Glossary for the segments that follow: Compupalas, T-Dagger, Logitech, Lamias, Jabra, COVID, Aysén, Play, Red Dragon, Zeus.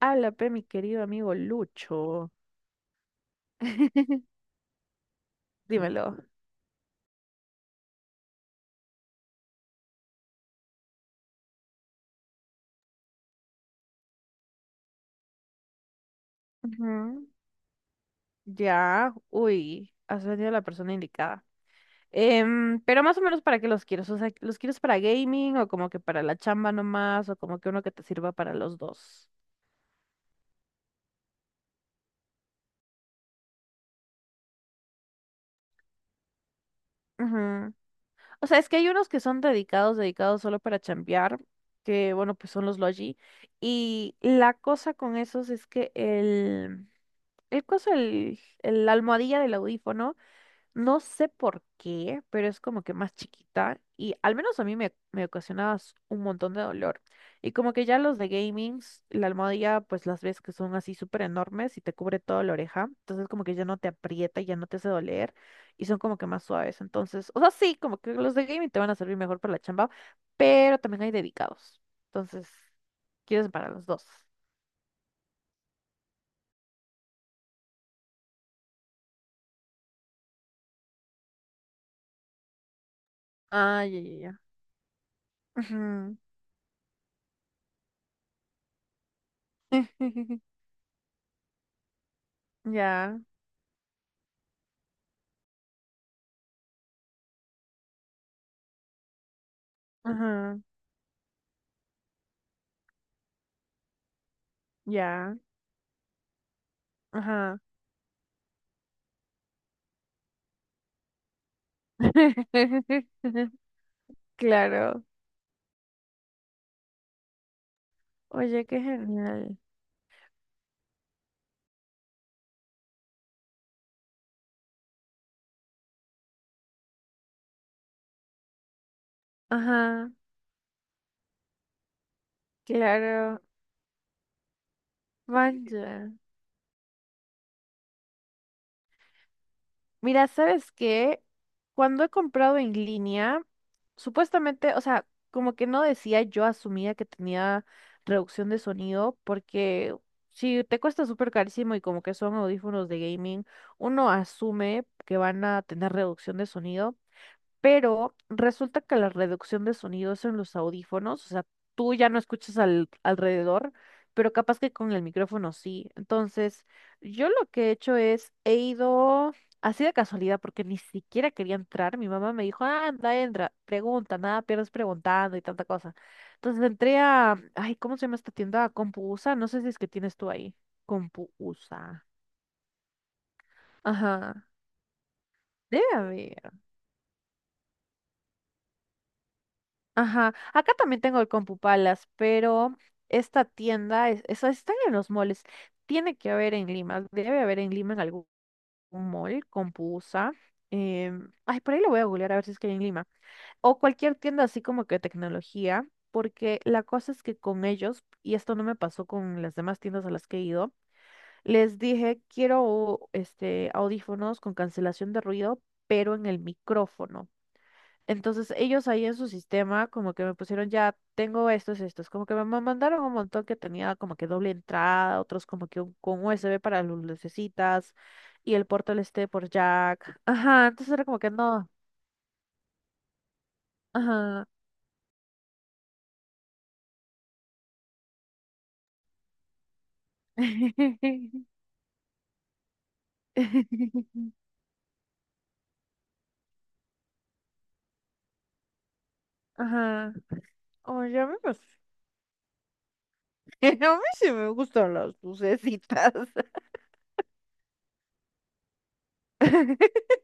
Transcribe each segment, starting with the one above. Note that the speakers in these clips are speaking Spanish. Habla, pe, mi querido amigo Lucho. Dímelo. Ujú. Ya, uy, has venido a la persona indicada. Pero más o menos para qué los quieres, o sea, ¿los quieres para gaming o como que para la chamba nomás o como que uno que te sirva para los dos? Ujú. O sea, es que hay unos que son dedicados, dedicados solo para chambear, que bueno, pues son los Logi. Y la cosa con esos es que el coso, la almohadilla del audífono. No sé por qué, pero es como que más chiquita y al menos a mí me ocasionaba un montón de dolor. Y como que ya los de gamings, la almohadilla, pues las ves que son así súper enormes y te cubre toda la oreja. Entonces como que ya no te aprieta, y ya no te hace doler y son como que más suaves. Entonces, o sea, sí, como que los de gaming te van a servir mejor para la chamba, pero también hay dedicados. Entonces, quieres para los dos. Ah, ya, ya. Ujú, ya. Ujú. Ya, ajá, ya, ajá. Claro. Oye, qué genial. Ajá, claro. Vaya. Mira, ¿sabes qué? Cuando he comprado en línea, supuestamente, o sea, como que no decía, yo asumía que tenía reducción de sonido, porque si te cuesta súper carísimo y como que son audífonos de gaming, uno asume que van a tener reducción de sonido. Pero resulta que la reducción de sonidos en los audífonos, o sea, tú ya no escuchas alrededor, pero capaz que con el micrófono sí. Entonces, yo lo que he hecho es, he ido así de casualidad, porque ni siquiera quería entrar. Mi mamá me dijo, "Ah, anda, entra, pregunta, nada, pierdes preguntando y tanta cosa". Entonces entré a, ay, ¿cómo se llama esta tienda? Compuusa, no sé si es que tienes tú ahí. Compuusa. Ajá. Debe haber. Ajá, acá también tengo el Compupalas, pero esta tienda, están en los moles, tiene que haber en Lima, debe haber en Lima en algún mall, Compusa, ay, por ahí lo voy a googlear a ver si es que hay en Lima, o cualquier tienda así como que tecnología, porque la cosa es que con ellos, y esto no me pasó con las demás tiendas a las que he ido, les dije, quiero este, audífonos con cancelación de ruido, pero en el micrófono. Entonces ellos ahí en su sistema como que me pusieron ya, tengo estos, como que me mandaron un montón que tenía como que doble entrada, otros como que con USB para las lucecitas y el puerto este por jack. Ajá, entonces era como que no. Ajá. Ajá. Oye, a mí, pues, a mí sí me gustan las lucecitas.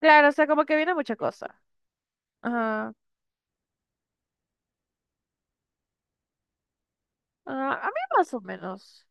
Claro, o sea, como que viene mucha cosa. Ajá. Ah, a mí más o menos.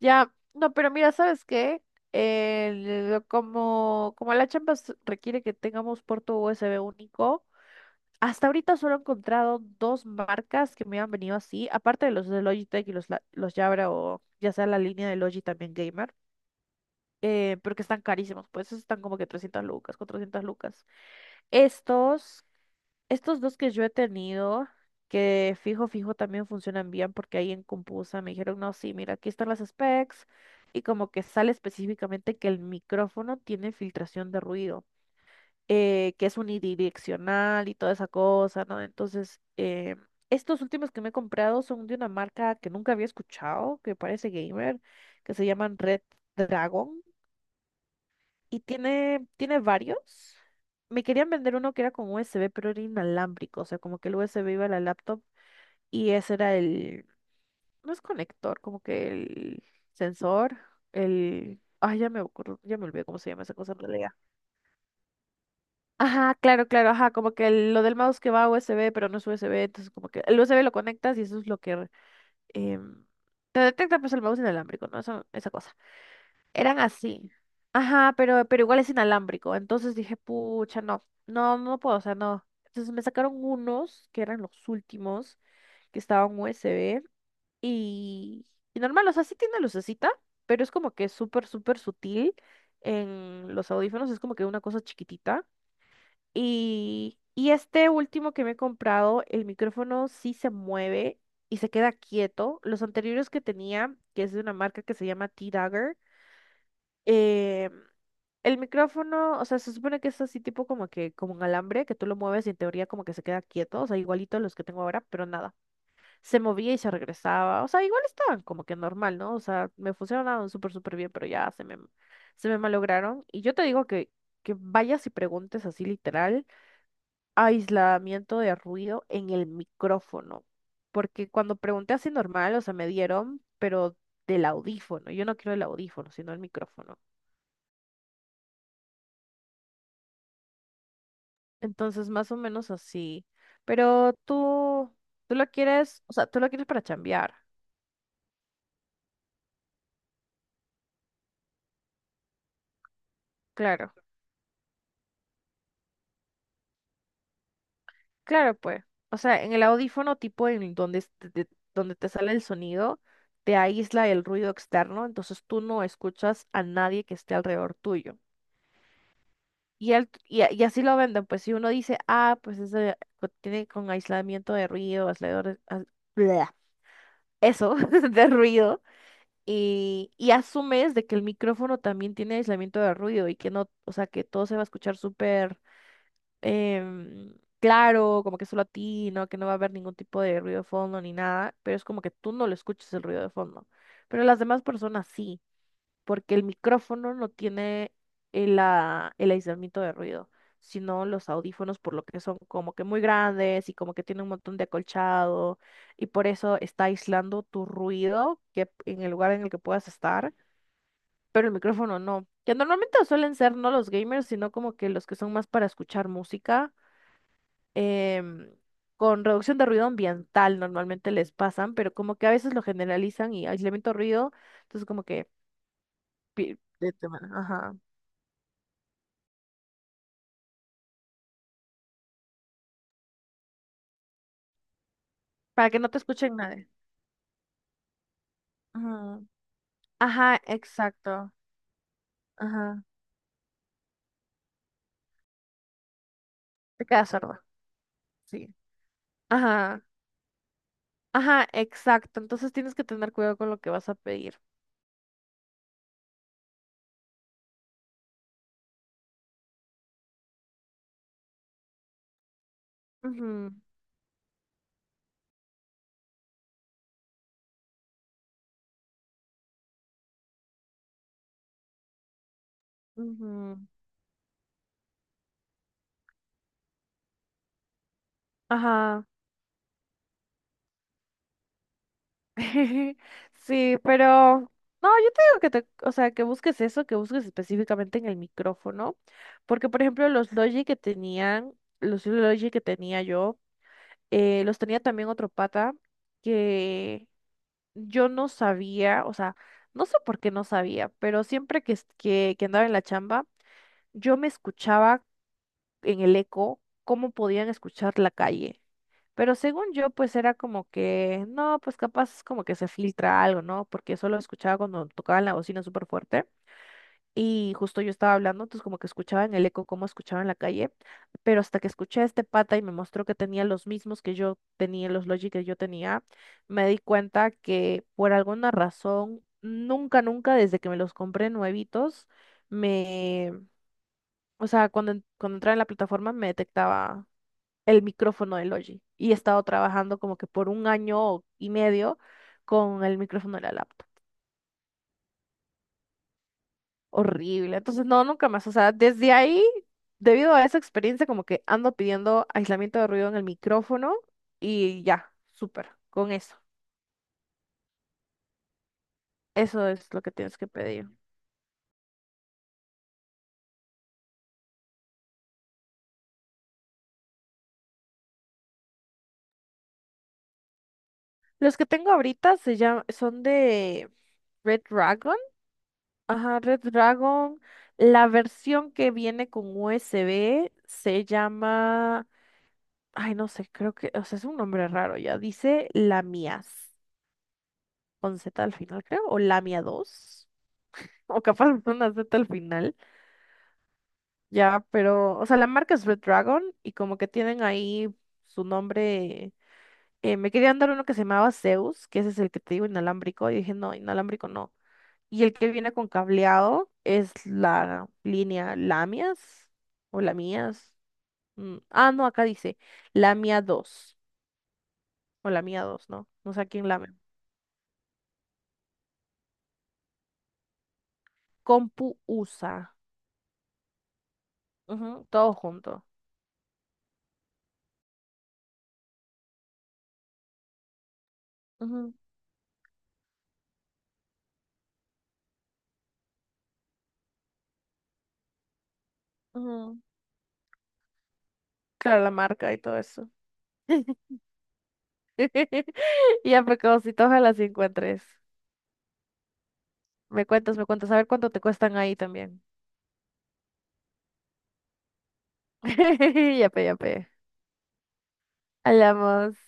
Ya, no, pero mira, ¿sabes qué? El- como, como la Champions requiere que tengamos puerto USB único, hasta ahorita solo he encontrado dos marcas que me han venido así, aparte de los de Logitech y los, los Jabra o ya sea la línea de Logi también Gamer, pero que están carísimos, pues esos están como que 300 lucas, 400 lucas. Estos estos dos que yo he tenido, que fijo, fijo también funcionan bien porque ahí en Compusa me dijeron, no, sí, mira, aquí están las specs y como que sale específicamente que el micrófono tiene filtración de ruido, que es unidireccional y toda esa cosa, ¿no? Entonces, estos últimos que me he comprado son de una marca que nunca había escuchado, que parece gamer, que se llaman Red Dragon. Y tiene, tiene varios. Me querían vender uno que era con USB, pero era inalámbrico. O sea, como que el USB iba a la laptop y ese era el... No es conector, como que el sensor, el... Ay, ya me acuerdo, ya me olvidé cómo se llama esa cosa en realidad. Ajá, claro, claro, ajá, como que lo del mouse que va a USB, pero no es USB, entonces como que el USB lo conectas y eso es lo que em, te detecta pues el mouse inalámbrico, ¿no? Eso, esa cosa. Eran así. Ajá, pero igual es inalámbrico. Entonces dije, pucha, no, no, no puedo, o sea, no. Entonces me sacaron unos que eran los últimos, que estaban USB. Y, y normal, o sea, sí tiene lucecita, pero es como que súper, súper sutil. En los audífonos es como que una cosa chiquitita. Y este último que me he comprado, el micrófono sí se mueve y se queda quieto. Los anteriores que tenía, que es de una marca que se llama T-Dagger, eh, el micrófono, o sea, se supone que es así tipo como que, como un alambre, que tú lo mueves y en teoría como que se queda quieto, o sea, igualito a los que tengo ahora, pero nada, se movía y se regresaba, o sea, igual estaban como que normal, ¿no? O sea, me funcionaban súper, súper bien, pero ya se me malograron. Y yo te digo que vayas y preguntes así literal, aislamiento de ruido en el micrófono, porque cuando pregunté así normal, o sea, me dieron, pero del audífono, yo no quiero el audífono, sino el micrófono. Entonces, más o menos así. Pero tú lo quieres, o sea, tú lo quieres para chambear. Claro, claro, pues. O sea, en el audífono tipo en donde, donde te sale el sonido, te aísla el ruido externo, entonces tú no escuchas a nadie que esté alrededor tuyo. Y así lo venden, pues si uno dice, ah, pues ese tiene con aislamiento de ruido, aislador, bleh, eso, de ruido. Y, y asumes de que el micrófono también tiene aislamiento de ruido y que no, o sea, que todo se va a escuchar súper em, claro, como que solo a ti, ¿no? Que no va a haber ningún tipo de ruido de fondo ni nada, pero es como que tú no lo escuches el ruido de fondo, pero las demás personas sí porque el micrófono no tiene el aislamiento de ruido, sino los audífonos, por lo que son como que muy grandes y como que tienen un montón de acolchado, y por eso está aislando tu ruido que en el lugar en el que puedas estar, pero el micrófono no. Que normalmente suelen ser no los gamers, sino como que los que son más para escuchar música. em, con reducción de ruido ambiental normalmente les pasan, pero como que a veces lo generalizan y aislamiento de ruido, entonces como que de tema. Ajá. Para que no te escuchen nadie. Ajá, ajá, exacto. Ajá, te quedas sordo. Sí. Ajá, ajá, exacto. Entonces tienes que tener cuidado con lo que vas a pedir. Ujú, ujú. Ajá. Sí, pero no, yo te digo que te, o sea, que busques eso, que busques específicamente en el micrófono, porque por ejemplo los Logi que tenían, los Logi que tenía yo, los tenía también otro pata que yo no sabía, o sea, no sé por qué no sabía, pero siempre que, que andaba en la chamba, yo me escuchaba en el eco cómo podían escuchar la calle. Pero según yo, pues era como que, no, pues capaz como que se filtra algo, ¿no? Porque solo escuchaba cuando tocaban la bocina súper fuerte. Y justo yo estaba hablando, entonces como que escuchaba en el eco cómo escuchaba en la calle, pero hasta que escuché a este pata y me mostró que tenía los mismos que yo tenía, los Logic que yo tenía, me di cuenta que por alguna razón, nunca, nunca, desde que me los compré nuevitos, me, o sea, cuando, cuando entraba en la plataforma me detectaba el micrófono de Logic y he estado trabajando como que por un año y medio con el micrófono de la laptop. Horrible. Entonces, no, nunca más. O sea, desde ahí, debido a esa experiencia, como que ando pidiendo aislamiento de ruido en el micrófono y ya, súper, con eso. Eso es lo que tienes que pedir. Los que tengo ahorita se llaman, son de Red Dragon. Ajá, Red Dragon. La versión que viene con USB se llama, ay, no sé, creo que, o sea, es un nombre raro ya. Dice Lamias, con Z al final, creo, o Lamia 2 o capaz con una Z al final. Ya, pero, o sea, la marca es Red Dragon y como que tienen ahí su nombre. Me querían dar uno que se llamaba Zeus, que ese es el que te digo inalámbrico, y dije, no, inalámbrico no. Y el que viene con cableado es la línea Lamias o Lamias. Ah, no, acá dice Lamia 2 o Lamia dos, ¿no? No sé a quién lame. Compu USA. Ujú, todo junto. Ujú, ujú. Claro, la marca y todo eso. Ya, pecadosito, ojalá sí encuentres. Me cuentas, a ver cuánto te cuestan ahí también. Ya, pe, ya, pe. Hablamos.